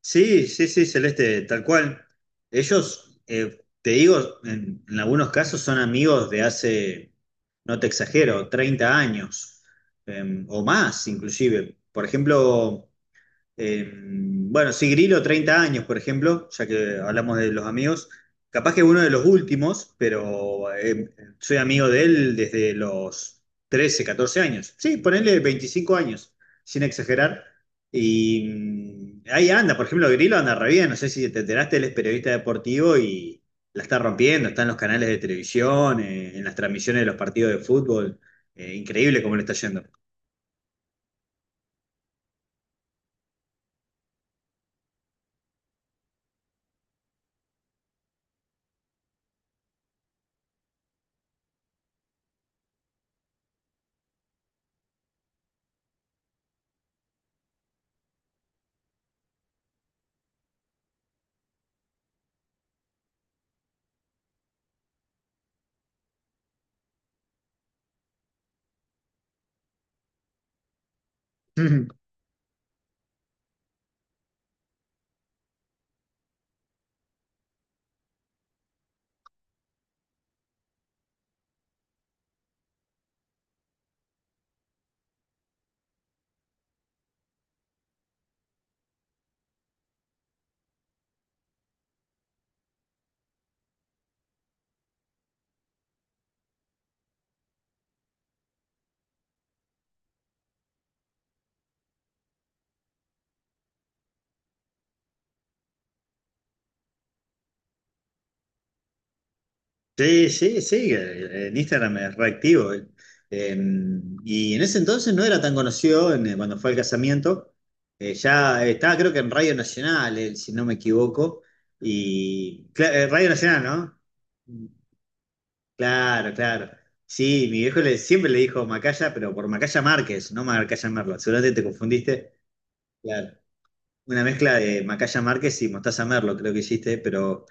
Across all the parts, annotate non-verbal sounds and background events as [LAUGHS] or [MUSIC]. Sí, sí, sí, Celeste, tal cual. Ellos, te digo, en algunos casos son amigos de hace, no te exagero, 30 años, o más inclusive. Por ejemplo, bueno, sí, Grillo, 30 años, por ejemplo, ya que hablamos de los amigos. Capaz que uno de los últimos, pero soy amigo de él desde los 13, 14 años. Sí, ponele 25 años, sin exagerar. Y ahí anda, por ejemplo, Grillo anda re bien. No sé si te enteraste, él es periodista deportivo y la está rompiendo. Está en los canales de televisión, en las transmisiones de los partidos de fútbol. Increíble cómo le está yendo. [LAUGHS] Sí, sí, sí, en Instagram es reactivo. Eh, y en ese entonces no era tan conocido cuando fue al casamiento. Ya estaba creo que en Radio Nacional, él, si no me equivoco. Y Radio Nacional, ¿no? Claro, claro. Sí, mi viejo le, siempre le dijo Macaya, pero por Macaya Márquez, no Macaya Merlo. Seguramente te confundiste. Claro. Una mezcla de Macaya Márquez y Mostaza Merlo, creo que hiciste, pero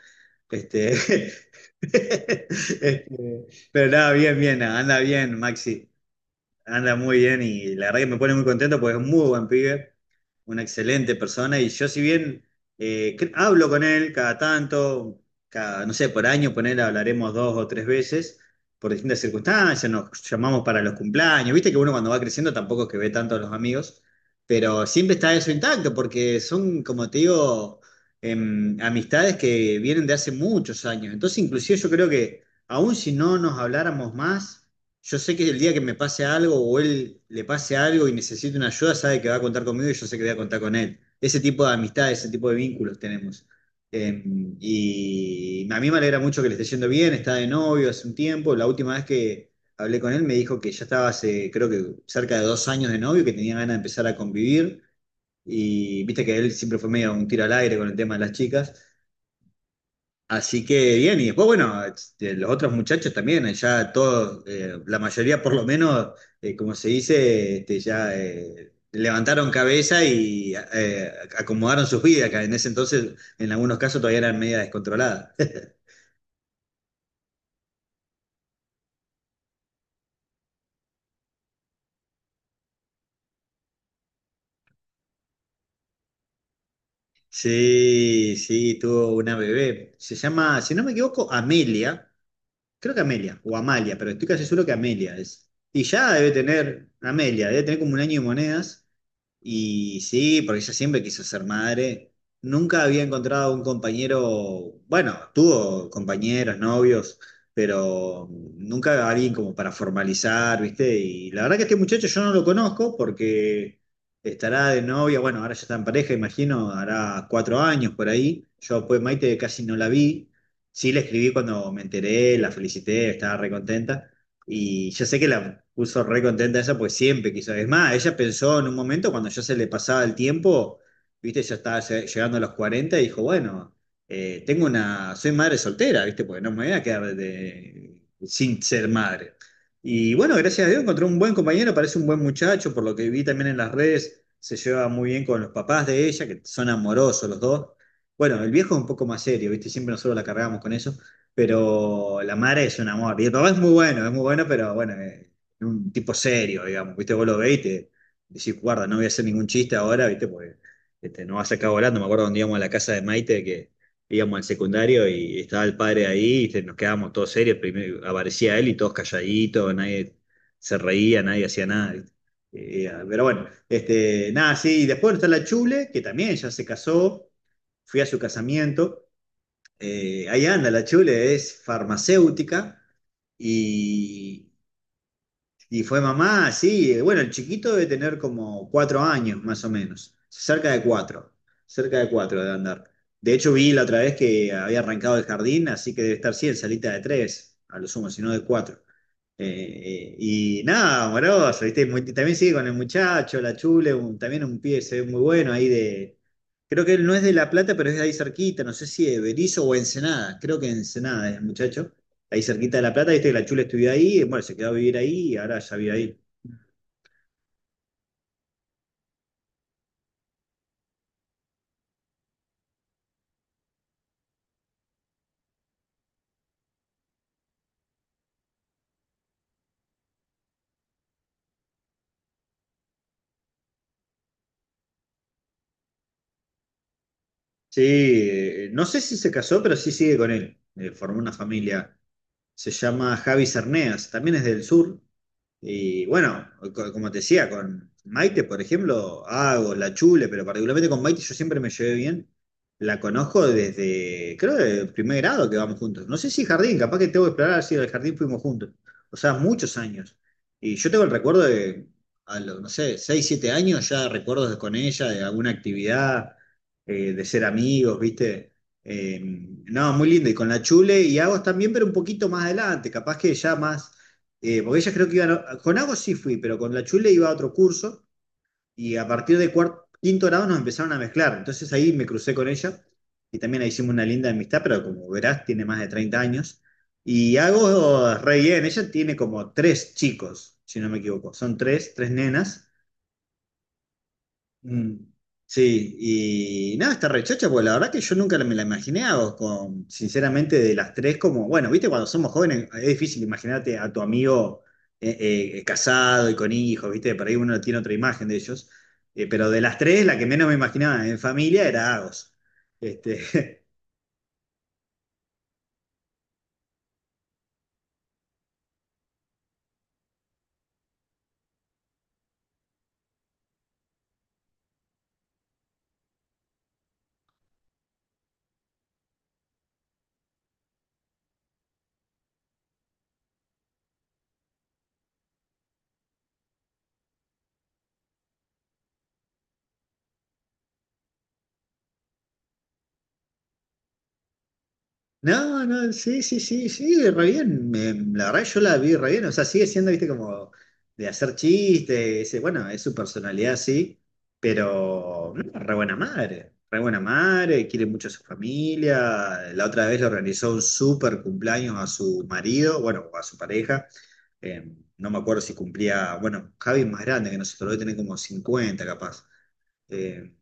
este, [LAUGHS] pero nada, bien, bien, anda bien, Maxi. Anda muy bien y la verdad que me pone muy contento porque es un muy buen pibe, una excelente persona, y yo si bien hablo con él cada tanto, cada, no sé, por año con él hablaremos dos o tres veces por distintas circunstancias, nos llamamos para los cumpleaños, viste que uno cuando va creciendo tampoco es que ve tanto a los amigos, pero siempre está eso intacto porque son, como te digo, amistades que vienen de hace muchos años, entonces inclusive yo creo que aun si no nos habláramos más, yo sé que el día que me pase algo o él le pase algo y necesite una ayuda, sabe que va a contar conmigo y yo sé que voy a contar con él. Ese tipo de amistad, ese tipo de vínculos tenemos. Eh, y a mí me alegra mucho que le esté yendo bien, está de novio hace un tiempo. La última vez que hablé con él me dijo que ya estaba hace, creo que cerca de 2 años de novio, que tenía ganas de empezar a convivir. Y viste que él siempre fue medio un tiro al aire con el tema de las chicas. Así que bien, y después, bueno, los otros muchachos también, ya todos, la mayoría por lo menos, como se dice, ya levantaron cabeza y acomodaron sus vidas, que en ese entonces, en algunos casos, todavía eran media descontroladas. [LAUGHS] Sí, sí, tuvo una bebé. Se llama, si no me equivoco, Amelia. Creo que Amelia, o Amalia, pero estoy casi seguro que Amelia es. Y ya debe tener, Amelia, debe tener como un año y monedas. Y sí, porque ella siempre quiso ser madre. Nunca había encontrado un compañero, bueno, tuvo compañeros, novios, pero nunca alguien como para formalizar, ¿viste? Y la verdad que este muchacho yo no lo conozco porque estará de novia, bueno, ahora ya está en pareja, imagino, hará 4 años por ahí. Yo pues Maite casi no la vi. Sí, la escribí cuando me enteré, la felicité, estaba recontenta y yo sé que la puso re contenta ella, pues siempre quiso. Es más, ella pensó en un momento cuando ya se le pasaba el tiempo, viste, ya estaba llegando a los 40 y dijo, bueno, tengo una, soy madre soltera, viste, porque no me voy a quedar sin ser madre. Y bueno, gracias a Dios encontró un buen compañero, parece un buen muchacho, por lo que vi también en las redes, se lleva muy bien con los papás de ella, que son amorosos los dos. Bueno, el viejo es un poco más serio, viste, siempre nosotros la cargamos con eso, pero la madre es un amor. Y el papá es muy bueno, pero bueno, un tipo serio, digamos. Viste, vos lo veis y te decís, guarda, no voy a hacer ningún chiste ahora, viste, porque no vas a sacar volando. Me acuerdo cuando íbamos a la casa de Maite, que íbamos al secundario y estaba el padre ahí, y nos quedábamos todos serios. Primero aparecía él y todos calladitos, nadie se reía, nadie hacía nada. ¿Viste? Pero bueno, nada, sí, después está la Chule, que también ya se casó, fui a su casamiento. Ahí anda, la Chule es farmacéutica y fue mamá, sí. Bueno, el chiquito debe tener como 4 años, más o menos. Cerca de cuatro. Cerca de cuatro debe andar. De hecho, vi la otra vez que había arrancado el jardín, así que debe estar, sí, en salita de tres, a lo sumo, si no de cuatro. Y nada, amoroso, ¿viste? También sigue con el muchacho, la chule, también un pie se ve muy bueno ahí de. Creo que él no es de La Plata, pero es de ahí cerquita, no sé si de Berizo o Ensenada, creo que Ensenada es el muchacho ahí cerquita de La Plata, viste que la Chula estudió ahí, bueno, se quedó a vivir ahí y ahora ya vive ahí. Sí, no sé si se casó, pero sí sigue con él. Formó una familia. Se llama Javi Cerneas, también es del sur. Y bueno, como te decía, con Maite, por ejemplo, hago la chule, pero particularmente con Maite yo siempre me llevé bien. La conozco desde, creo, el primer grado que vamos juntos. No sé si jardín, capaz que tengo que explorar si del jardín fuimos juntos. O sea, muchos años. Y yo tengo el recuerdo de, a los, no sé, 6, 7 años, ya recuerdos con ella, de alguna actividad, de ser amigos, ¿viste? No, muy lindo. Y con la Chule y Agos también, pero un poquito más adelante, capaz que ya más. Porque ellas creo que iban. Con Agos sí fui, pero con la Chule iba a otro curso, y a partir de cuarto, quinto grado nos empezaron a mezclar. Entonces ahí me crucé con ella y también ahí hicimos una linda amistad, pero como verás, tiene más de 30 años. Y Agos, re bien, ella tiene como tres chicos, si no me equivoco. Son tres, tres nenas. Mm, sí, y nada, esta rechacha, pues la verdad que yo nunca me la imaginé, a vos, con, sinceramente, de las tres, como, bueno, viste, cuando somos jóvenes es difícil imaginarte a tu amigo casado y con hijos, viste, por ahí uno tiene otra imagen de ellos. Pero de las tres, la que menos me imaginaba en familia era Agos. Este, [LAUGHS] No, no, sí, sí, sí, sí, re bien. La verdad yo la vi re bien. O sea, sigue siendo, viste, como de hacer chistes. Bueno, es su personalidad, sí, pero no, re buena madre. Re buena madre, quiere mucho a su familia. La otra vez le organizó un super cumpleaños a su marido, bueno, a su pareja. eh, no me acuerdo si cumplía, bueno, Javi es más grande que nosotros, debe tener como 50 capaz. eh,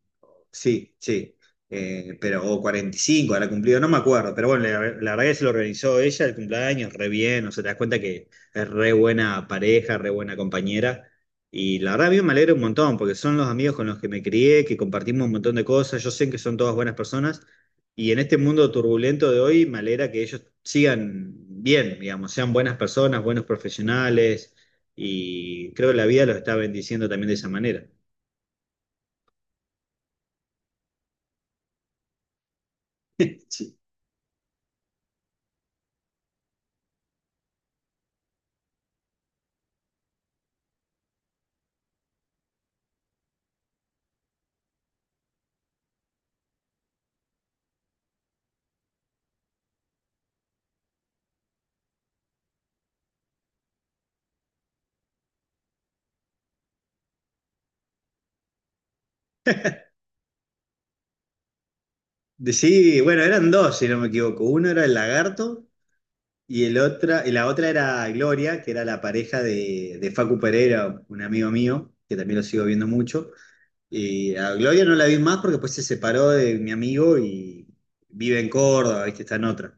Sí, sí. Pero, o 45 ahora cumplido, no me acuerdo. Pero bueno, la verdad que se lo organizó ella el cumpleaños, re bien. O sea, te das cuenta que es re buena pareja, re buena compañera. Y la verdad, a mí me alegra un montón, porque son los amigos con los que me crié, que compartimos un montón de cosas. Yo sé que son todas buenas personas. Y en este mundo turbulento de hoy, me alegra que ellos sigan bien, digamos, sean buenas personas, buenos profesionales. Y creo que la vida los está bendiciendo también de esa manera. [LAUGHS] Sí, bueno, eran dos, si no me equivoco. Uno era el lagarto y, la otra era Gloria, que era la pareja de Facu Pereira, un amigo mío, que también lo sigo viendo mucho. Y a Gloria no la vi más porque después se separó de mi amigo y vive en Córdoba, ¿viste? Está en otra.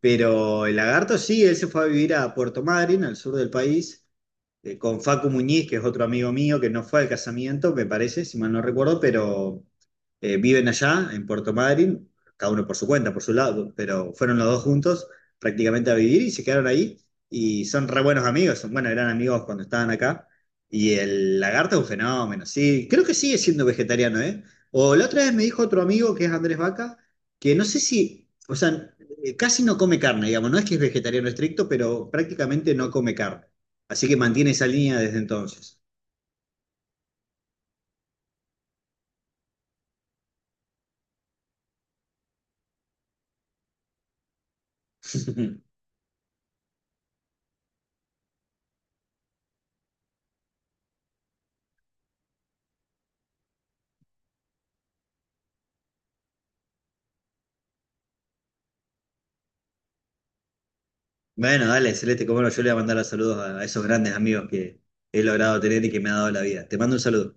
Pero el lagarto sí, él se fue a vivir a Puerto Madryn, al sur del país, con Facu Muñiz, que es otro amigo mío que no fue al casamiento, me parece, si mal no recuerdo, pero viven allá, en Puerto Madryn, cada uno por su cuenta, por su lado, pero fueron los dos juntos prácticamente a vivir y se quedaron ahí, y son re buenos amigos, son, bueno, eran amigos cuando estaban acá. Y el lagarto es un fenómeno, sí, creo que sigue siendo vegetariano, ¿eh? O la otra vez me dijo otro amigo que es Andrés Vaca, que no sé si, o sea, casi no come carne, digamos, no es que es vegetariano estricto, pero prácticamente no come carne. Así que mantiene esa línea desde entonces. [LAUGHS] Bueno, dale, Celeste, como no, yo le voy a mandar los saludos a esos grandes amigos que he logrado tener y que me ha dado la vida. Te mando un saludo.